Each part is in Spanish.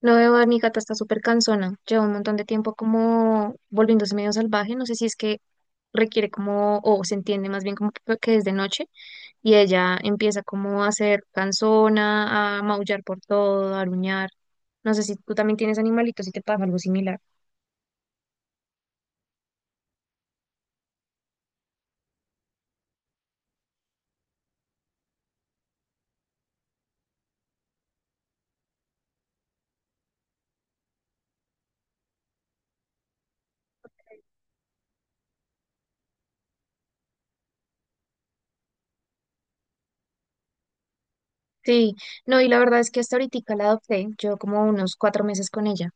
No veo a mi gata está súper cansona. Lleva un montón de tiempo como volviéndose medio salvaje. No sé si es que requiere como, o se entiende más bien como que es de noche. Y ella empieza como a ser cansona, a maullar por todo, a aruñar. No sé si tú también tienes animalitos y te pasa algo similar. Sí, no, y la verdad es que hasta ahorita la adopté. Llevo como unos 4 meses con ella.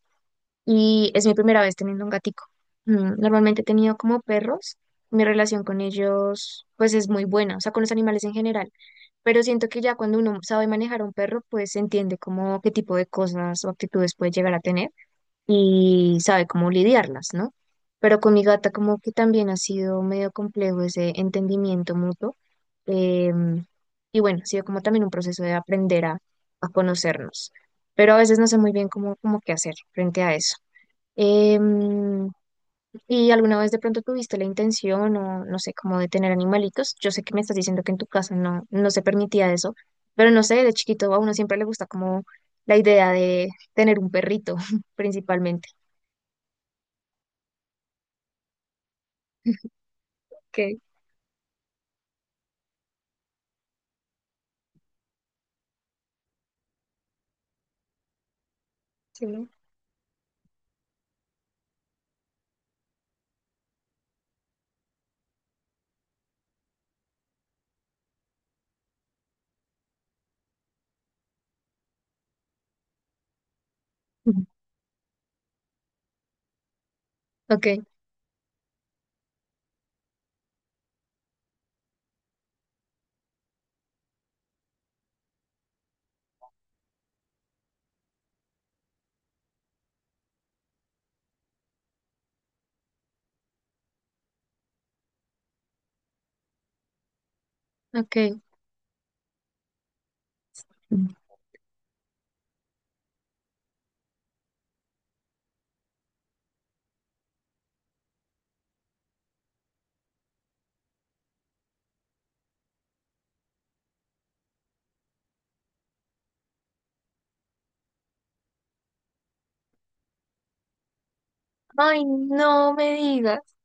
Y es mi primera vez teniendo un gatico. Mm, normalmente he tenido como perros, mi relación con ellos pues es muy buena, o sea, con los animales en general, pero siento que ya cuando uno sabe manejar a un perro pues entiende como qué tipo de cosas o actitudes puede llegar a tener y sabe cómo lidiarlas, ¿no? Pero con mi gata como que también ha sido medio complejo ese entendimiento mutuo. em, y bueno, ha sido como también un proceso de aprender a conocernos, pero a veces no sé muy bien cómo, cómo qué hacer frente a eso. Em, ¿Y alguna vez de pronto tuviste la intención o no sé, como de tener animalitos? Yo sé que me estás diciendo que en tu casa no, no se permitía eso, pero no sé, de chiquito a uno siempre le gusta como la idea de tener un perrito, principalmente. Ok, sí, ¿no? Ujú. Ok, ok. Mm. Ay, no me digas.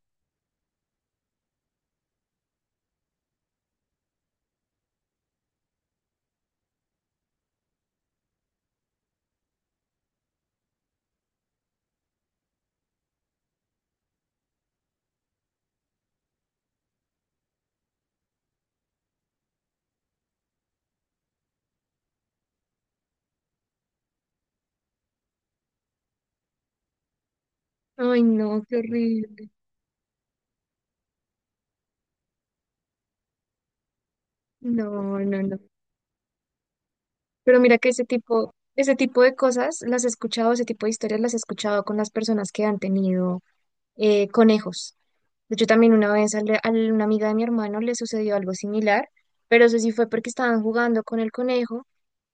Ay, no, qué horrible. No, no, no. Pero mira que ese tipo de cosas las he escuchado, ese tipo de historias las he escuchado con las personas que han tenido conejos. De hecho, también una vez al- a una amiga de mi hermano le sucedió algo similar, pero eso sí fue porque estaban jugando con el conejo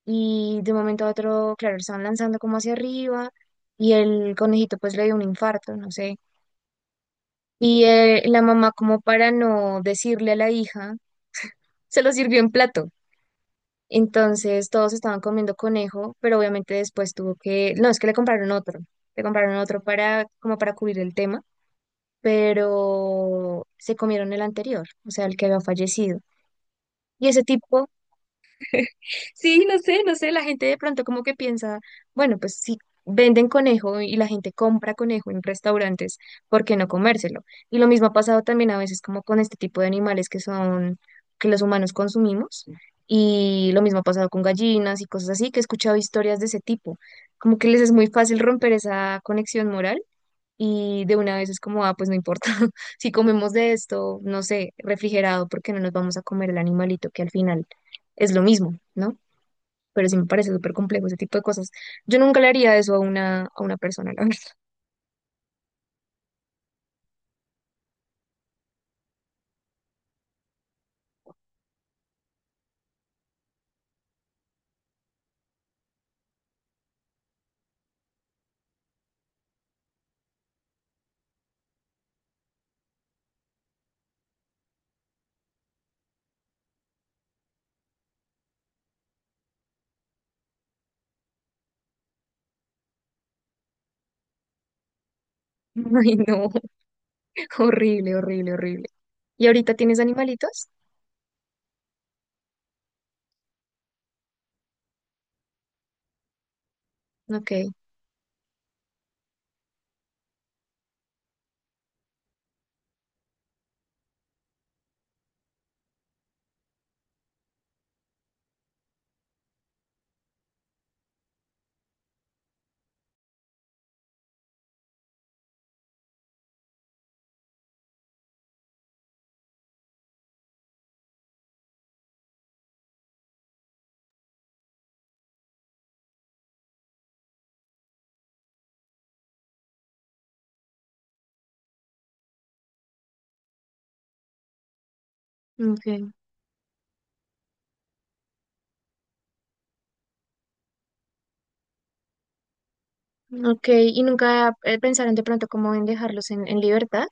y de un momento a otro, claro, lo estaban lanzando como hacia arriba y el conejito pues le dio un infarto, no sé. Y la mamá como para no decirle a la hija, se lo sirvió en plato. Entonces todos estaban comiendo conejo, pero obviamente después tuvo que, no, es que le compraron otro para como para cubrir el tema, pero se comieron el anterior, o sea, el que había fallecido. Y ese tipo, sí, no sé, no sé, la gente de pronto como que piensa, bueno, pues si venden conejo y la gente compra conejo en restaurantes, ¿por qué no comérselo? Y lo mismo ha pasado también a veces como con este tipo de animales que son, que los humanos consumimos, y lo mismo ha pasado con gallinas y cosas así, que he escuchado historias de ese tipo, como que les es muy fácil romper esa conexión moral y de una vez es como, ah, pues no importa, si comemos de esto, no sé, refrigerado, porque no nos vamos a comer el animalito, que al final es lo mismo, ¿no? Pero sí me parece súper complejo ese tipo de cosas. Yo nunca le haría eso a una persona, la verdad. Ay, no, horrible, horrible, horrible. ¿Y ahorita tienes animalitos? Ok, ok, ok. ¿Y nunca pensaron de pronto cómo en dejarlos en libertad?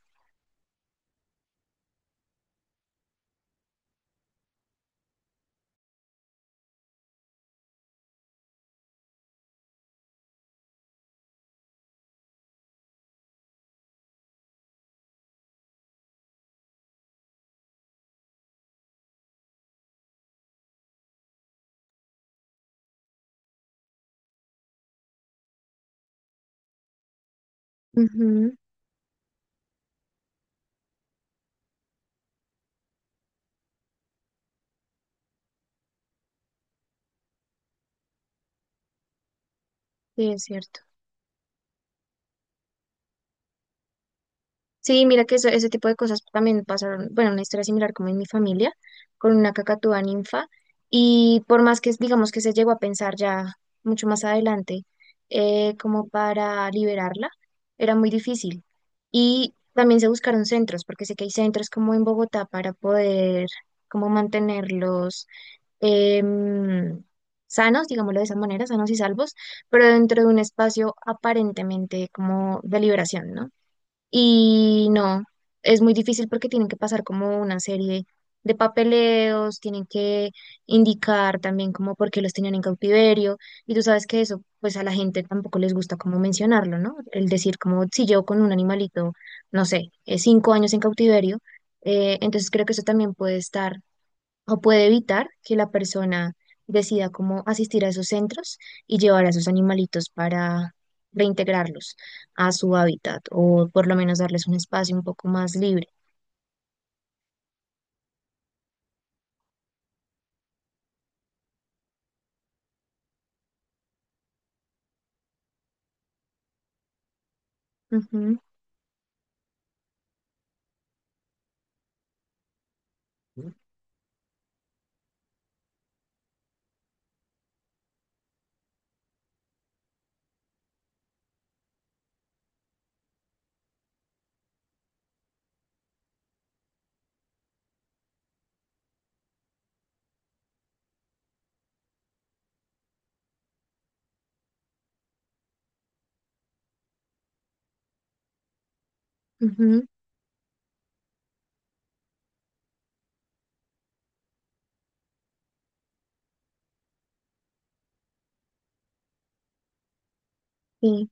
Ujú, sí, es cierto. Sí, mira que eso- ese tipo de cosas también pasaron, bueno, una historia similar como en mi familia, con una cacatúa ninfa, y por más que, digamos que se llegó a pensar ya mucho más adelante, como para liberarla, era muy difícil. Y también se buscaron centros, porque sé que hay centros como en Bogotá para poder como mantenerlos em, sanos, digámoslo de esa manera, sanos y salvos, pero dentro de un espacio aparentemente como de liberación, ¿no? Y no, es muy difícil porque tienen que pasar como una serie de papeleos, tienen que indicar también como por qué los tenían en cautiverio. Y tú sabes que eso, pues a la gente tampoco les gusta como mencionarlo, ¿no? El decir como si llevo con un animalito, no sé, 5 años en cautiverio. Entonces creo que eso también puede estar o puede evitar que la persona decida cómo asistir a esos centros y llevar a esos animalitos para reintegrarlos a su hábitat o por lo menos darles un espacio un poco más libre. Ujú, ujú, sí.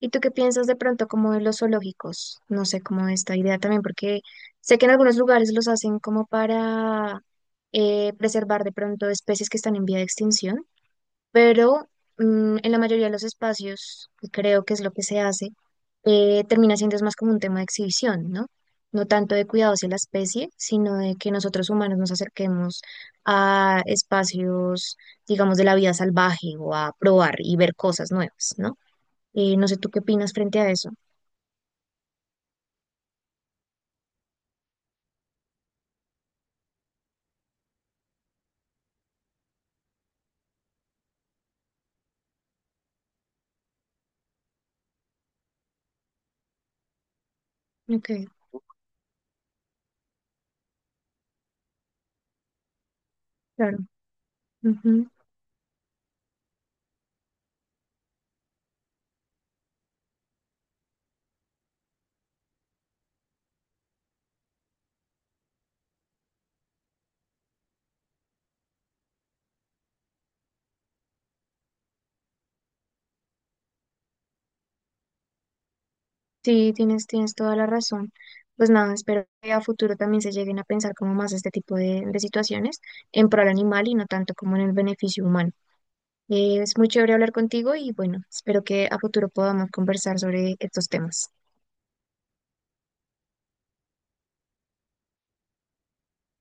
¿Y tú qué piensas de pronto como de los zoológicos? No sé, como de esta idea también, porque sé que en algunos lugares los hacen como para preservar de pronto especies que están en vía de extinción, pero mm, en la mayoría de los espacios, y creo que es lo que se hace, termina siendo es más como un tema de exhibición, ¿no? No tanto de cuidado hacia la especie, sino de que nosotros humanos nos acerquemos a espacios, digamos, de la vida salvaje o a probar y ver cosas nuevas, ¿no? No sé tú qué opinas frente a eso. Ok, claro. Sí, tienes, tienes toda la razón. Pues nada, espero que a futuro también se lleguen a pensar como más este tipo de situaciones en pro al animal y no tanto como en el beneficio humano. Es muy chévere hablar contigo y bueno, espero que a futuro podamos conversar sobre estos temas.